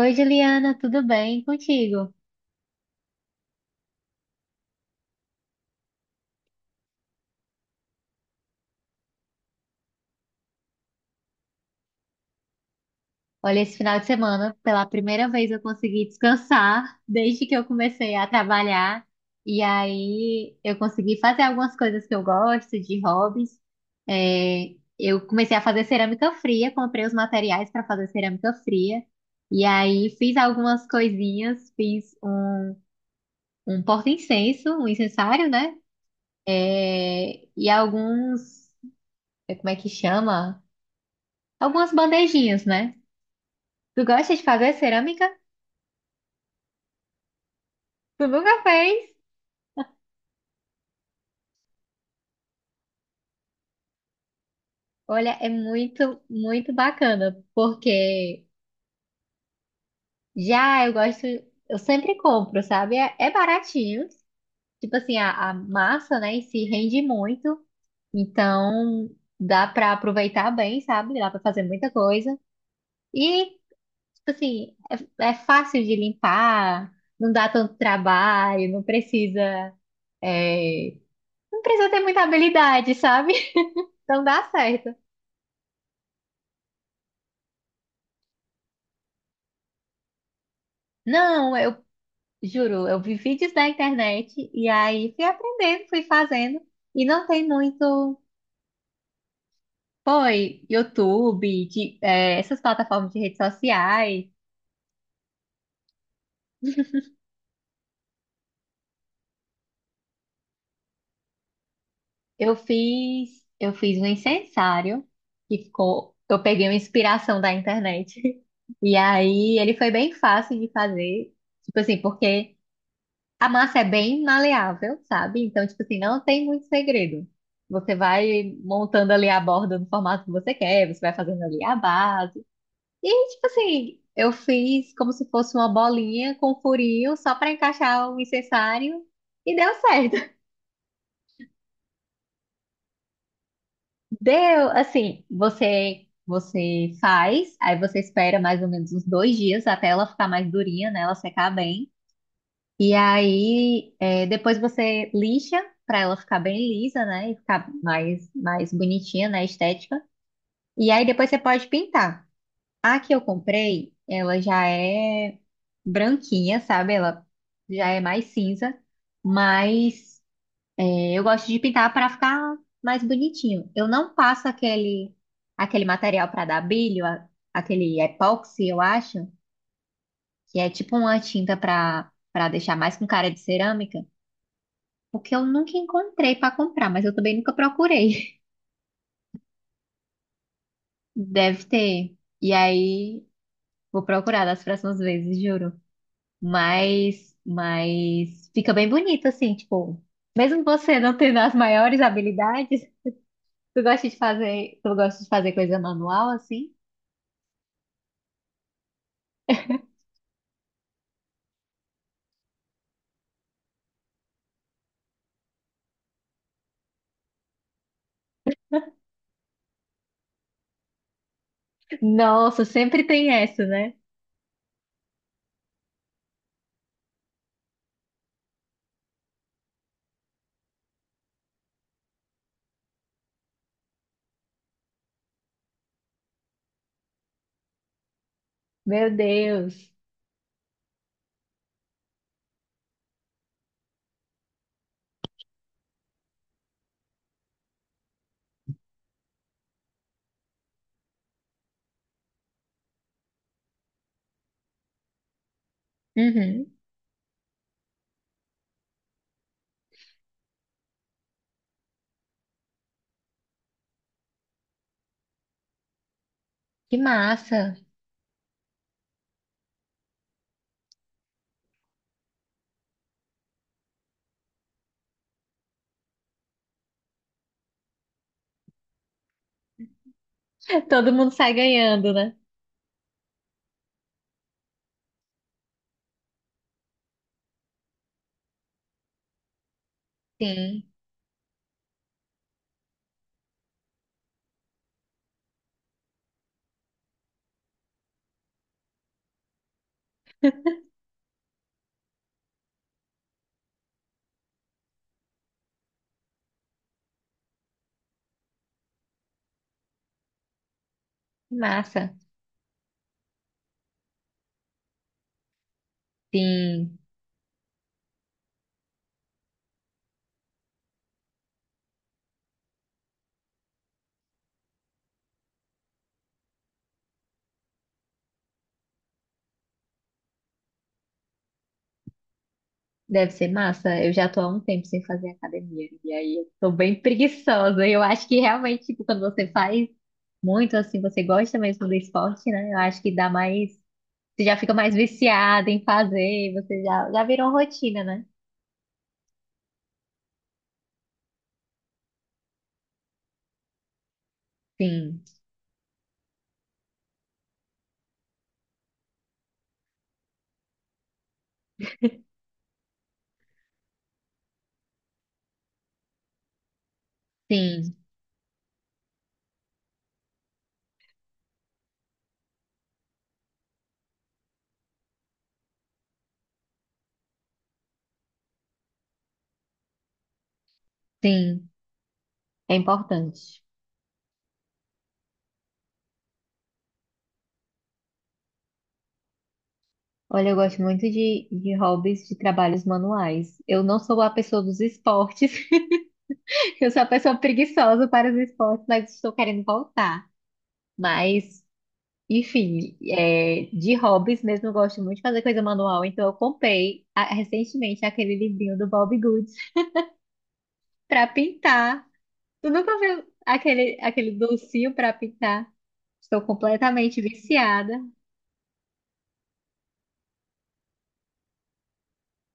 Oi, Juliana, tudo bem contigo? Olha, esse final de semana, pela primeira vez eu consegui descansar desde que eu comecei a trabalhar. E aí eu consegui fazer algumas coisas que eu gosto, de hobbies. É, eu comecei a fazer cerâmica fria, comprei os materiais para fazer cerâmica fria. E aí fiz algumas coisinhas, fiz um, um porta-incenso, um incensário, né? É, e alguns, é, como é que chama? Algumas bandejinhas, né? Tu gosta de fazer cerâmica? Tu nunca fez? Olha, é muito, muito bacana, porque já eu gosto, eu sempre compro, sabe? É, é baratinho. Tipo assim, a massa, né, em si rende muito, então dá pra aproveitar bem, sabe? Dá pra fazer muita coisa. E, tipo assim, é, é fácil de limpar, não dá tanto trabalho, não precisa, é, não precisa ter muita habilidade, sabe? Então dá certo. Não, eu juro, eu vi vídeos na internet e aí fui aprendendo, fui fazendo. E não tem muito. Foi YouTube, de, é, essas plataformas de redes sociais. Eu fiz um incensário que ficou. Eu peguei uma inspiração da internet. E aí ele foi bem fácil de fazer. Tipo assim, porque a massa é bem maleável, sabe? Então, tipo assim, não tem muito segredo. Você vai montando ali a borda no formato que você quer, você vai fazendo ali a base. E, tipo assim, eu fiz como se fosse uma bolinha com furinho só para encaixar o incensário e deu certo. Deu, assim, você faz, aí você espera mais ou menos uns dois dias até ela ficar mais durinha, né? Ela secar bem. E aí, é, depois você lixa para ela ficar bem lisa, né? E ficar mais, mais bonitinha, né? Estética. E aí depois você pode pintar. A que eu comprei, ela já é branquinha, sabe? Ela já é mais cinza, mas é, eu gosto de pintar para ficar mais bonitinho. Eu não passo aquele material para dar brilho, a- aquele epóxi, eu acho, que é tipo uma tinta para deixar mais com cara de cerâmica, porque eu nunca encontrei para comprar, mas eu também nunca procurei. Deve ter. E aí vou procurar das próximas vezes, juro. Mas fica bem bonito, assim, tipo, mesmo você não tendo as maiores habilidades, tu gosta de fazer, tu gosta de fazer coisa manual, assim? Nossa, sempre tem essa, né? Meu Deus. Uhum. Que massa. Todo mundo sai ganhando, né? Sim, que massa. Sim. Deve ser massa. Eu já tô há um tempo sem fazer academia. E aí eu tô bem preguiçosa. Eu acho que realmente, tipo, quando você faz muito assim, você gosta mesmo do esporte, né? Eu acho que dá mais. Você já fica mais viciada em fazer, você já, já virou rotina, né? Sim, sim, sim. É importante. Olha, eu gosto muito de hobbies de trabalhos manuais. Eu não sou a pessoa dos esportes, eu sou a pessoa preguiçosa para os esportes, mas estou querendo voltar. Mas enfim, é, de hobbies mesmo, eu gosto muito de fazer coisa manual, então eu comprei a- recentemente aquele livrinho do Bob Goods para pintar. Tu nunca viu aquele, aquele docinho para pintar? Estou completamente viciada.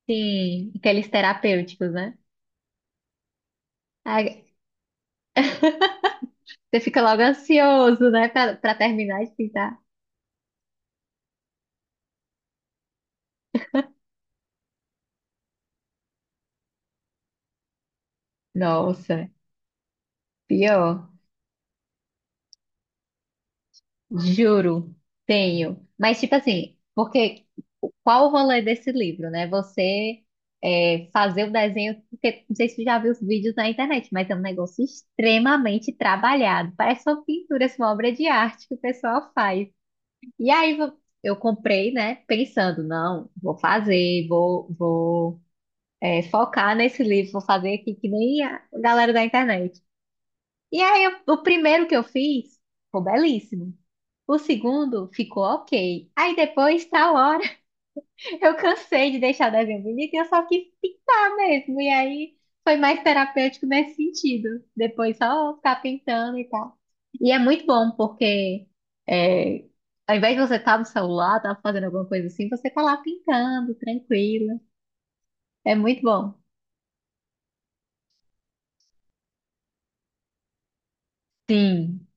Sim, aqueles terapêuticos, né? Ai, você fica logo ansioso, né, para terminar de pintar. Nossa, pior, juro, tenho. Mas tipo assim, porque qual o rolê desse livro, né? Você é, fazer o desenho, porque não sei se você já viu os vídeos na internet, mas é um negócio extremamente trabalhado. Parece uma pintura, assim, uma obra de arte que o pessoal faz. E aí vo- eu comprei, né? Pensando, não, vou fazer, vou, vou é, focar nesse livro, vou fazer aqui que nem a galera da internet. E aí eu- o primeiro que eu fiz ficou belíssimo. O segundo ficou ok. Aí depois tal hora. Eu cansei de deixar o desenho bonito e eu só quis pintar mesmo. E aí foi mais terapêutico nesse sentido. Depois só ficar pintando e tal. E é muito bom porque é, ao invés de você estar no celular, estar fazendo alguma coisa assim, você tá lá pintando, tranquila. É muito bom. Sim.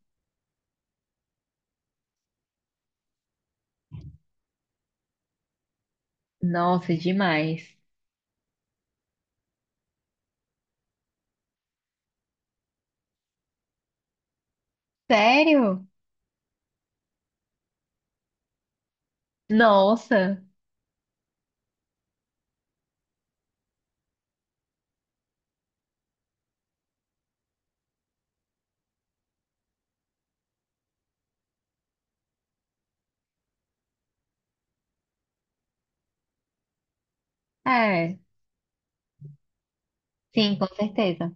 Nossa, demais. Sério? Nossa. É. Sim, com certeza.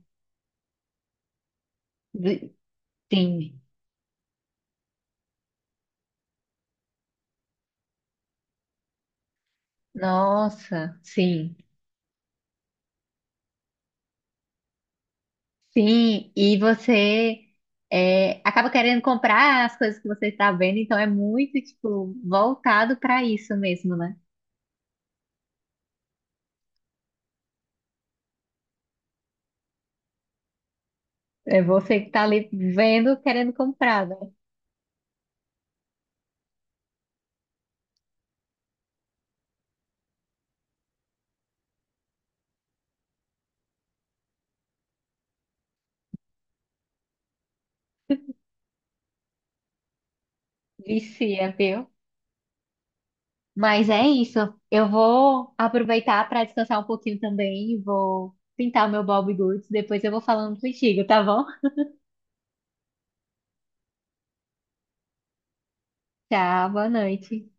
Vi- sim. Nossa, sim. Sim, e você é, acaba querendo comprar as coisas que você está vendo, então é muito, tipo, voltado para isso mesmo, né? É você que tá ali vendo, querendo comprar, né? Vicia, viu? Mas é isso. Eu vou aproveitar para descansar um pouquinho também, vou pintar o meu Bob Goods, depois eu vou falando contigo, tá bom? Tchau, boa noite.